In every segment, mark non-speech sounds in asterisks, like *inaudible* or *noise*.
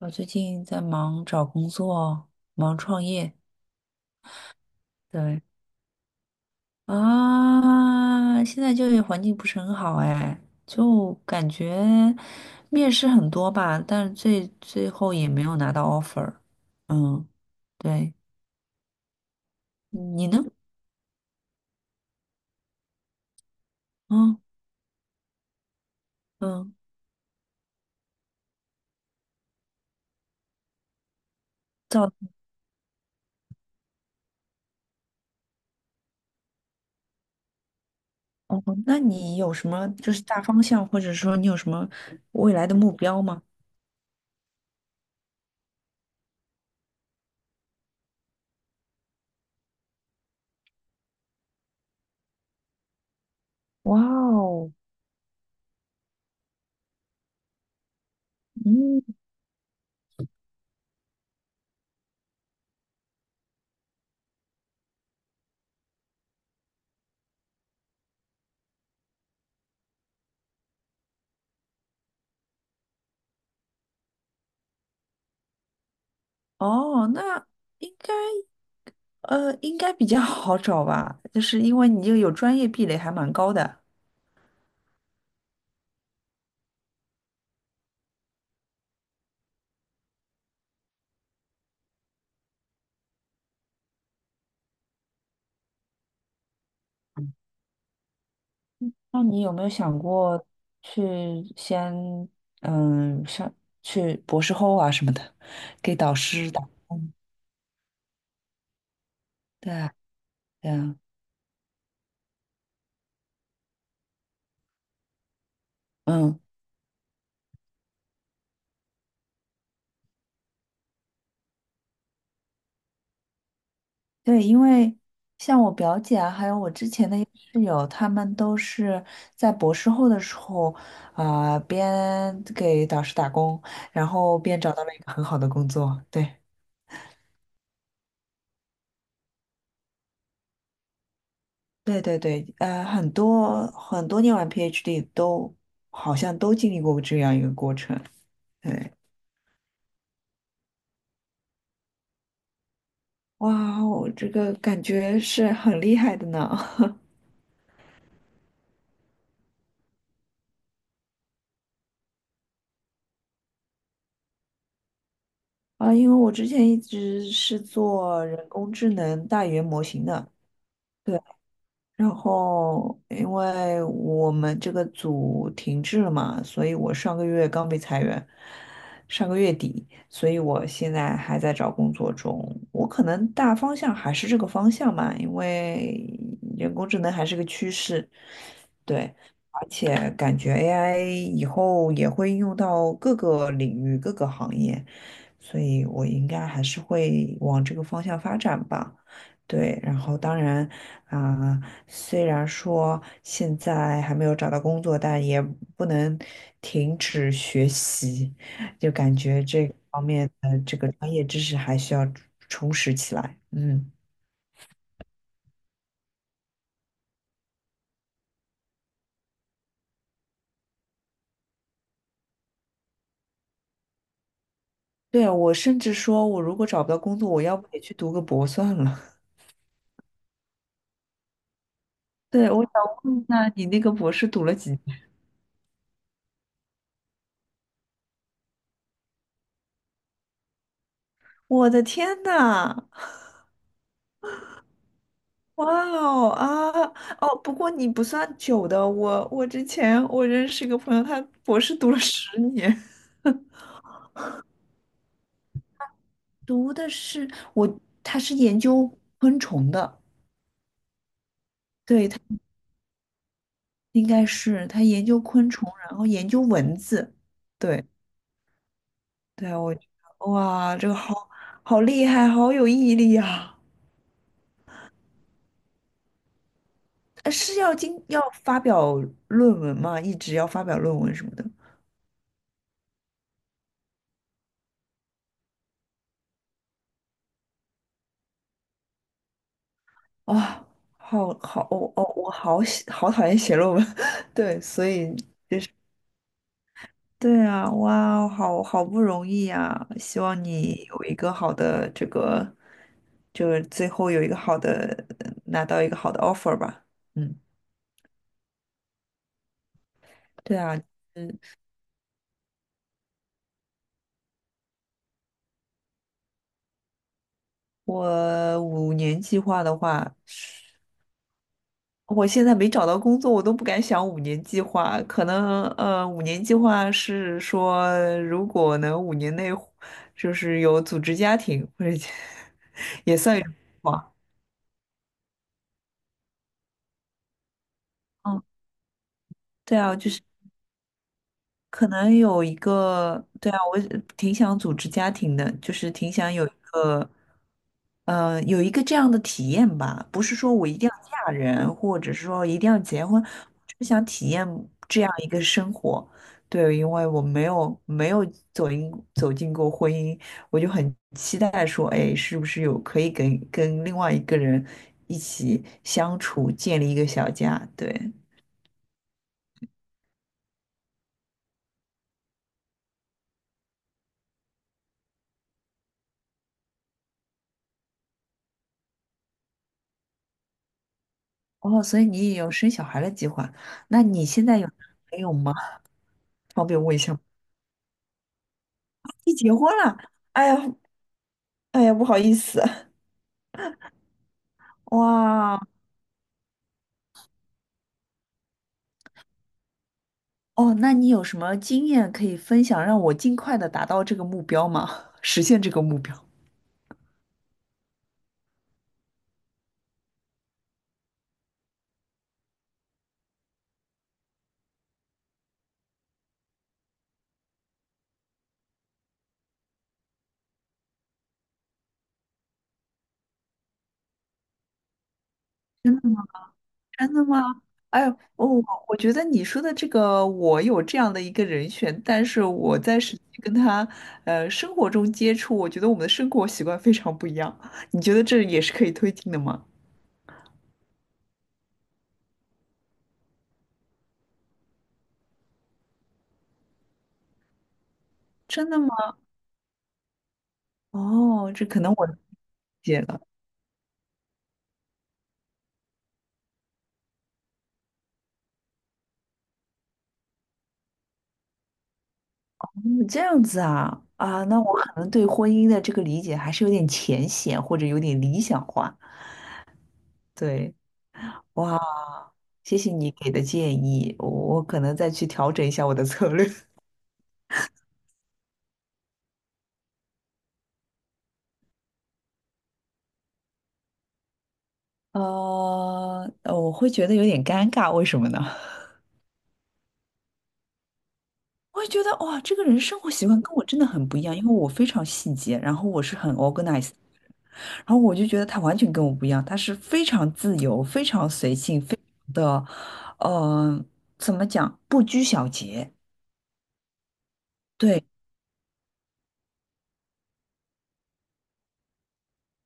我最近在忙找工作，忙创业。对啊，现在就业环境不是很好哎，就感觉面试很多吧，但是最后也没有拿到 offer。嗯，对，你呢？嗯嗯，找哦，那你有什么就是大方向，或者说你有什么未来的目标吗？哇哦，嗯，哦，那应该。应该比较好找吧，就是因为你这个有专业壁垒还蛮高的。那你有没有想过去先上去博士后啊什么的，给导师打？对啊，对啊，嗯，对，因为像我表姐啊，还有我之前的一个室友，他们都是在博士后的时候啊、边给导师打工，然后边找到了一个很好的工作。对，对对对，很多很多念完 PhD 都好像都经历过这样一个过程。对，哇，我这个感觉是很厉害的呢。*laughs* 啊，因为我之前一直是做人工智能大语言模型的。对。然后因为我们这个组停滞了嘛，所以我上个月刚被裁员，上个月底，所以我现在还在找工作中。我可能大方向还是这个方向嘛，因为人工智能还是个趋势，对，而且感觉 AI 以后也会应用到各个领域、各个行业，所以我应该还是会往这个方向发展吧。对，然后当然。啊、虽然说现在还没有找到工作，但也不能停止学习，就感觉这个方面的这个专业知识还需要充实起来。嗯，对，我甚至说，我如果找不到工作，我要不也去读个博算了。*laughs* 对，我想问一下，你那个博士读了几年？*laughs* 我的天呐！哇哦啊哦，不过你不算久的，我之前我认识一个朋友，他博士读了10年。读的是我，他是研究昆虫的，对，他应该是他研究昆虫，然后研究蚊子，对对，我觉得哇，这个好厉害，好有毅力啊！是要发表论文吗？一直要发表论文什么的啊，好好，哦哦，我好讨厌写论文，*laughs* 对，所以对啊，哇哦，好好不容易呀！希望你有一个好的这个，就是最后有一个好的，拿到一个好的 offer 吧。嗯，对啊，嗯，我五年计划的话，我现在没找到工作，我都不敢想五年计划。可能五年计划是说，如果能五年内就是有组织家庭，或者 *laughs* 也算一种计划嗯，对啊，就是。可能有一个，对啊，我挺想组织家庭的，就是挺想有，有一个这样的体验吧。不是说我一定要嫁人，或者是说一定要结婚，就是想体验这样一个生活。对，因为我没有走进过婚姻，我就很期待说，哎，是不是有可以跟另外一个人一起相处，建立一个小家？对，哦，所以你也有生小孩的计划？那你现在有男朋友吗？方便问一下吗，你结婚了？哎呀，哎呀，不好意思，哇，哦，那你有什么经验可以分享，让我尽快的达到这个目标吗？*laughs* 实现这个目标？真的真的吗？哎呦，我觉得你说的这个，我有这样的一个人选，但是我在实际跟他，生活中接触，我觉得我们的生活习惯非常不一样。你觉得这也是可以推进的吗？真的吗？哦，这可能我理解了。嗯，这样子啊啊，那我可能对婚姻的这个理解还是有点浅显，或者有点理想化。对，哇，谢谢你给的建议，我可能再去调整一下我的策略。*laughs* 我会觉得有点尴尬，为什么呢？*laughs* 我会觉得哇，这个人生活习惯跟我真的很不一样，因为我非常细节，然后我是很 organized，然后我就觉得他完全跟我不一样，他是非常自由、非常随性、非常的，嗯，怎么讲，不拘小节。对，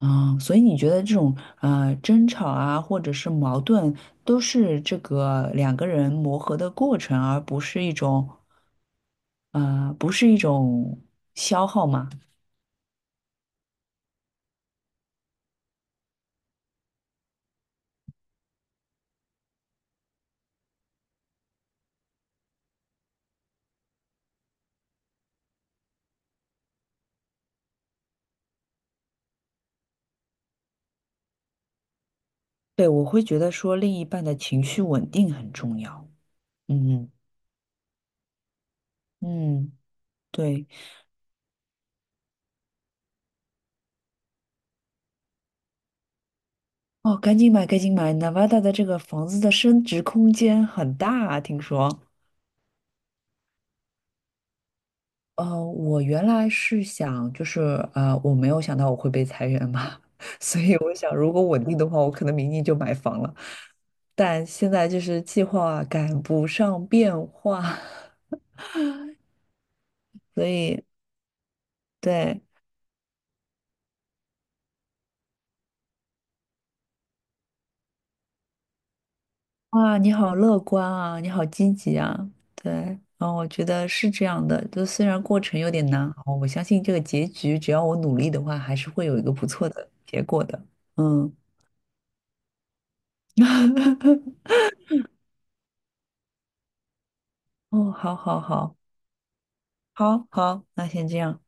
嗯，所以你觉得这种争吵啊，或者是矛盾，都是这个两个人磨合的过程，而不是一种不是一种消耗吗？对，我会觉得说另一半的情绪稳定很重要。嗯嗯，对，哦，赶紧买，赶紧买，Nevada 的这个房子的升值空间很大啊听说。我原来是想，就是我没有想到我会被裁员嘛，*laughs* 所以我想，如果稳定的话，我可能明年就买房了。但现在就是计划赶不上变化，*laughs* 所以对，哇，你好乐观啊，你好积极啊，对，啊，我觉得是这样的，就虽然过程有点难熬，我相信这个结局，只要我努力的话，还是会有一个不错的结果的，嗯，*laughs* 哦，好好好。好好，那先这样。